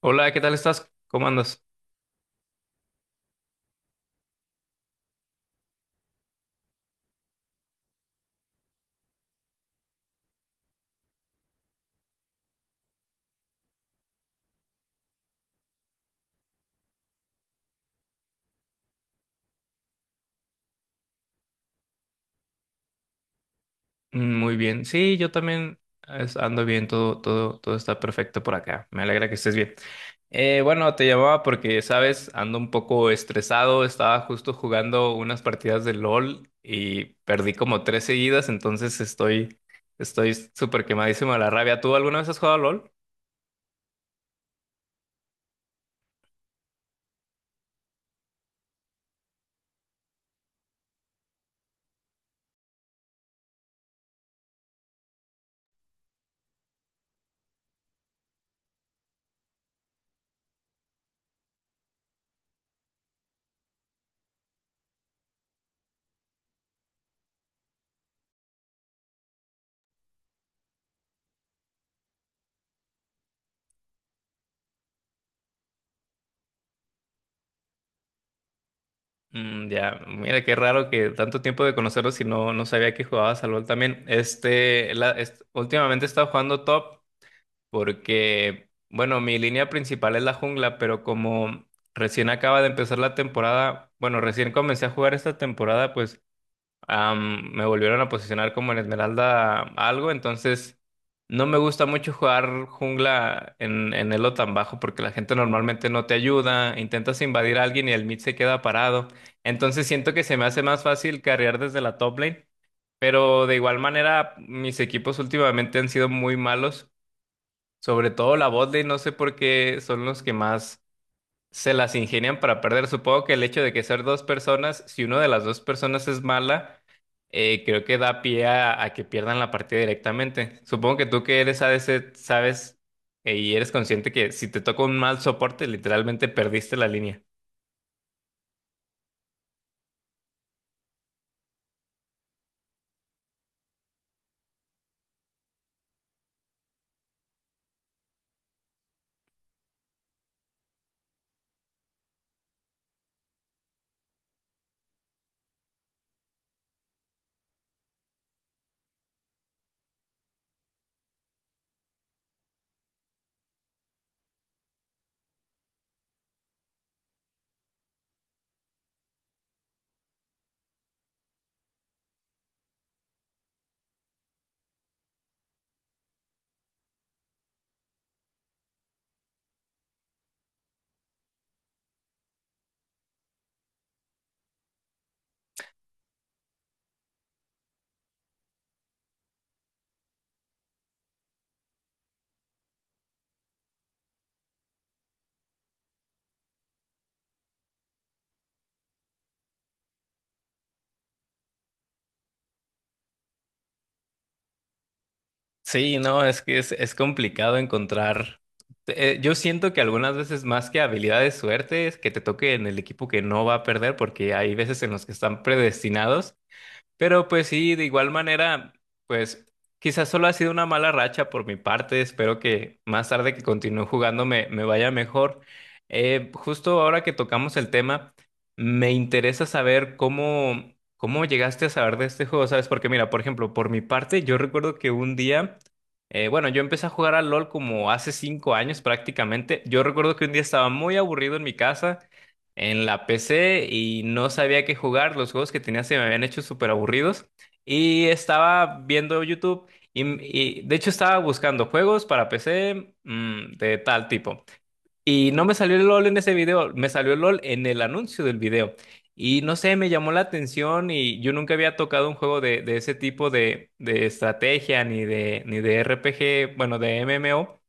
Hola, ¿qué tal estás? ¿Cómo andas? Muy bien. Sí, yo también ando bien, todo está perfecto por acá. Me alegra que estés bien. Bueno, te llamaba porque, sabes, ando un poco estresado. Estaba justo jugando unas partidas de LOL y perdí como tres seguidas, estoy súper quemadísimo de la rabia. ¿Tú alguna vez has jugado a LOL? Ya, mira qué raro que tanto tiempo de conocerlos y no sabía que jugabas al LOL también. Este, últimamente he estado jugando top, porque, bueno, mi línea principal es la jungla, pero como recién acaba de empezar la temporada, bueno, recién comencé a jugar esta temporada, pues me volvieron a posicionar como en Esmeralda algo, entonces no me gusta mucho jugar jungla en elo tan bajo porque la gente normalmente no te ayuda, intentas invadir a alguien y el mid se queda parado, entonces siento que se me hace más fácil carrear desde la top lane. Pero de igual manera, mis equipos últimamente han sido muy malos. Sobre todo la botlane, no sé por qué son los que más se las ingenian para perder. Supongo que el hecho de que ser dos personas, si una de las dos personas es mala, creo que da pie a que pierdan la partida directamente. Supongo que tú que eres a ADC sabes y eres consciente que si te toca un mal soporte, literalmente perdiste la línea. Sí, no, es que es complicado encontrar. Yo siento que algunas veces más que habilidad de suerte es que te toque en el equipo que no va a perder, porque hay veces en los que están predestinados, pero pues sí, de igual manera, pues quizás solo ha sido una mala racha por mi parte. Espero que más tarde que continúe jugando me vaya mejor. Justo ahora que tocamos el tema, me interesa saber cómo llegaste a saber de este juego, ¿sabes? Porque mira, por ejemplo, por mi parte, yo recuerdo que un día, bueno, yo empecé a jugar al LOL como hace 5 años prácticamente. Yo recuerdo que un día estaba muy aburrido en mi casa en la PC y no sabía qué jugar. Los juegos que tenía se me habían hecho súper aburridos. Y estaba viendo YouTube y, de hecho estaba buscando juegos para PC de tal tipo. Y no me salió el LOL en ese video, me salió el LOL en el anuncio del video. Y no sé, me llamó la atención y yo nunca había tocado un juego de ese tipo de estrategia ni de RPG, bueno, de MMO.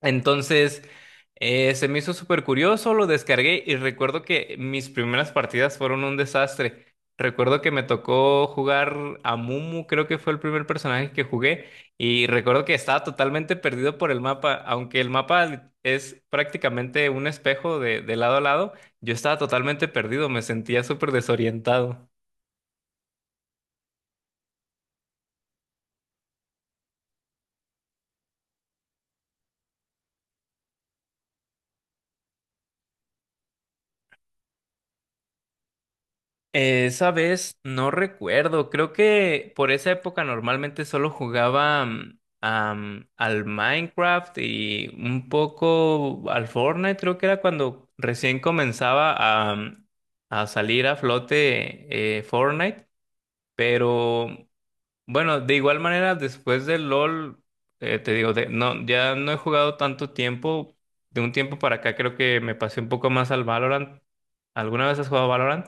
Entonces, se me hizo súper curioso, lo descargué y recuerdo que mis primeras partidas fueron un desastre. Recuerdo que me tocó jugar a Mumu, creo que fue el primer personaje que jugué, y recuerdo que estaba totalmente perdido por el mapa, aunque el mapa es prácticamente un espejo de lado a lado, yo estaba totalmente perdido, me sentía súper desorientado. Esa vez no recuerdo, creo que por esa época normalmente solo jugaba al Minecraft y un poco al Fortnite, creo que era cuando recién comenzaba a, mm, a salir a flote Fortnite, pero bueno, de igual manera después del LOL, te digo, no, ya no he jugado tanto tiempo, de un tiempo para acá creo que me pasé un poco más al Valorant. ¿Alguna vez has jugado Valorant?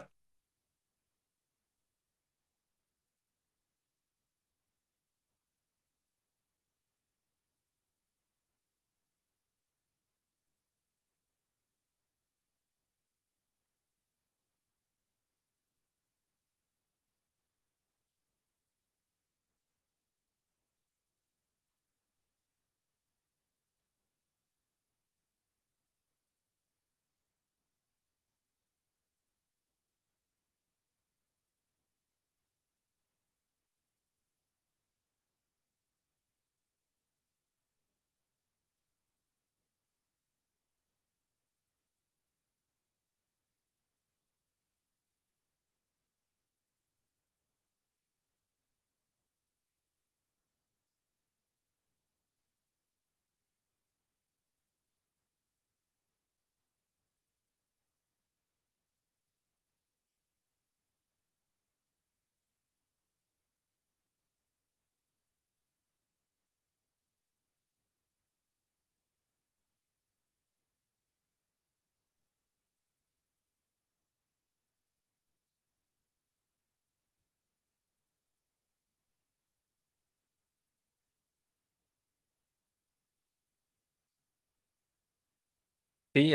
Sí.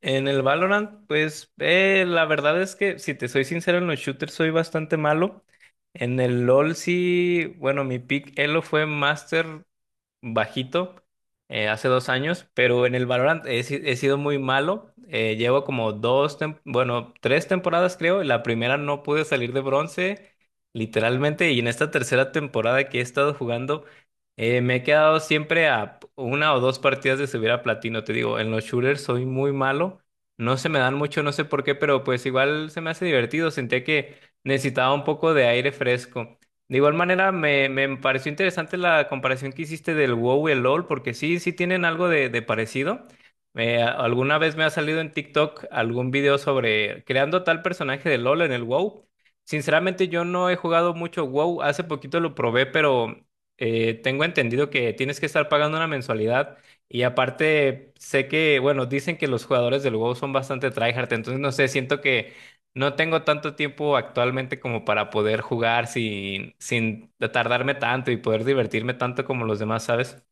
En el Valorant, pues la verdad es que si te soy sincero en los shooters soy bastante malo. En el LoL sí, bueno, mi pick Elo fue Master bajito hace 2 años, pero en el Valorant he, si- he sido muy malo. Llevo como bueno, tres temporadas creo. La primera no pude salir de bronce, literalmente, y en esta tercera temporada que he estado jugando, me he quedado siempre a una o dos partidas de subir a platino. Te digo, en los shooters soy muy malo. No se me dan mucho, no sé por qué, pero pues igual se me hace divertido. Sentía que necesitaba un poco de aire fresco. De igual manera, me pareció interesante la comparación que hiciste del WoW y el LoL, porque sí, sí tienen algo de parecido. Alguna vez me ha salido en TikTok algún video sobre creando tal personaje de LoL en el WoW. Sinceramente, yo no he jugado mucho WoW. Hace poquito lo probé, pero tengo entendido que tienes que estar pagando una mensualidad. Y aparte, sé que, bueno, dicen que los jugadores del WoW son bastante tryhard, entonces no sé, siento que no tengo tanto tiempo actualmente como para poder jugar sin tardarme tanto y poder divertirme tanto como los demás, ¿sabes?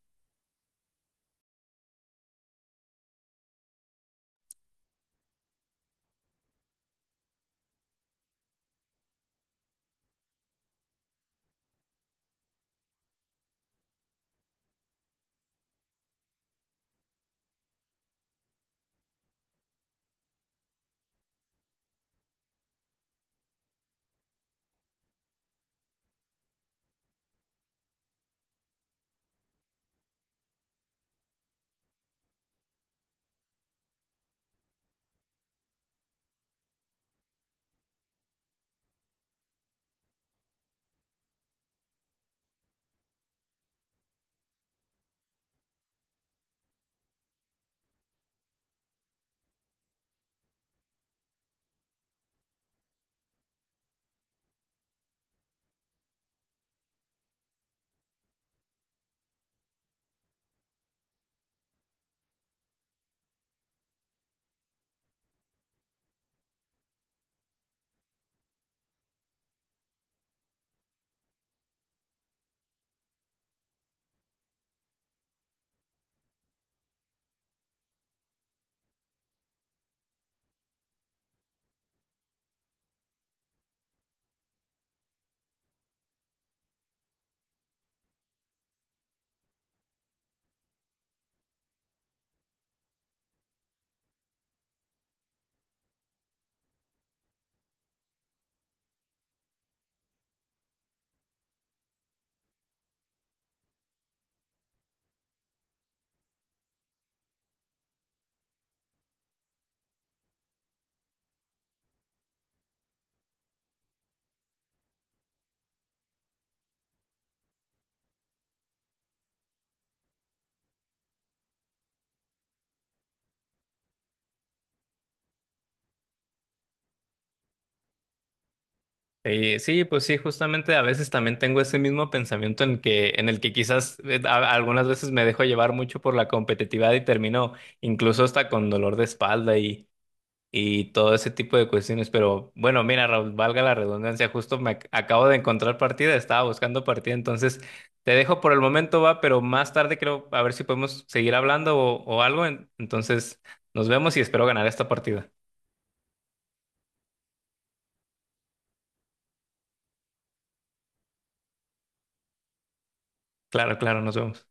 Sí, pues sí, justamente a veces también tengo ese mismo pensamiento en que, en el que quizás algunas veces me dejo llevar mucho por la competitividad y termino incluso hasta con dolor de espalda y todo ese tipo de cuestiones. Pero bueno, mira, Raúl, valga la redundancia, justo me acabo de encontrar partida, estaba buscando partida, entonces te dejo por el momento, va, pero más tarde creo a ver si podemos seguir hablando o algo. Entonces, nos vemos y espero ganar esta partida. Claro, claro, nos vemos.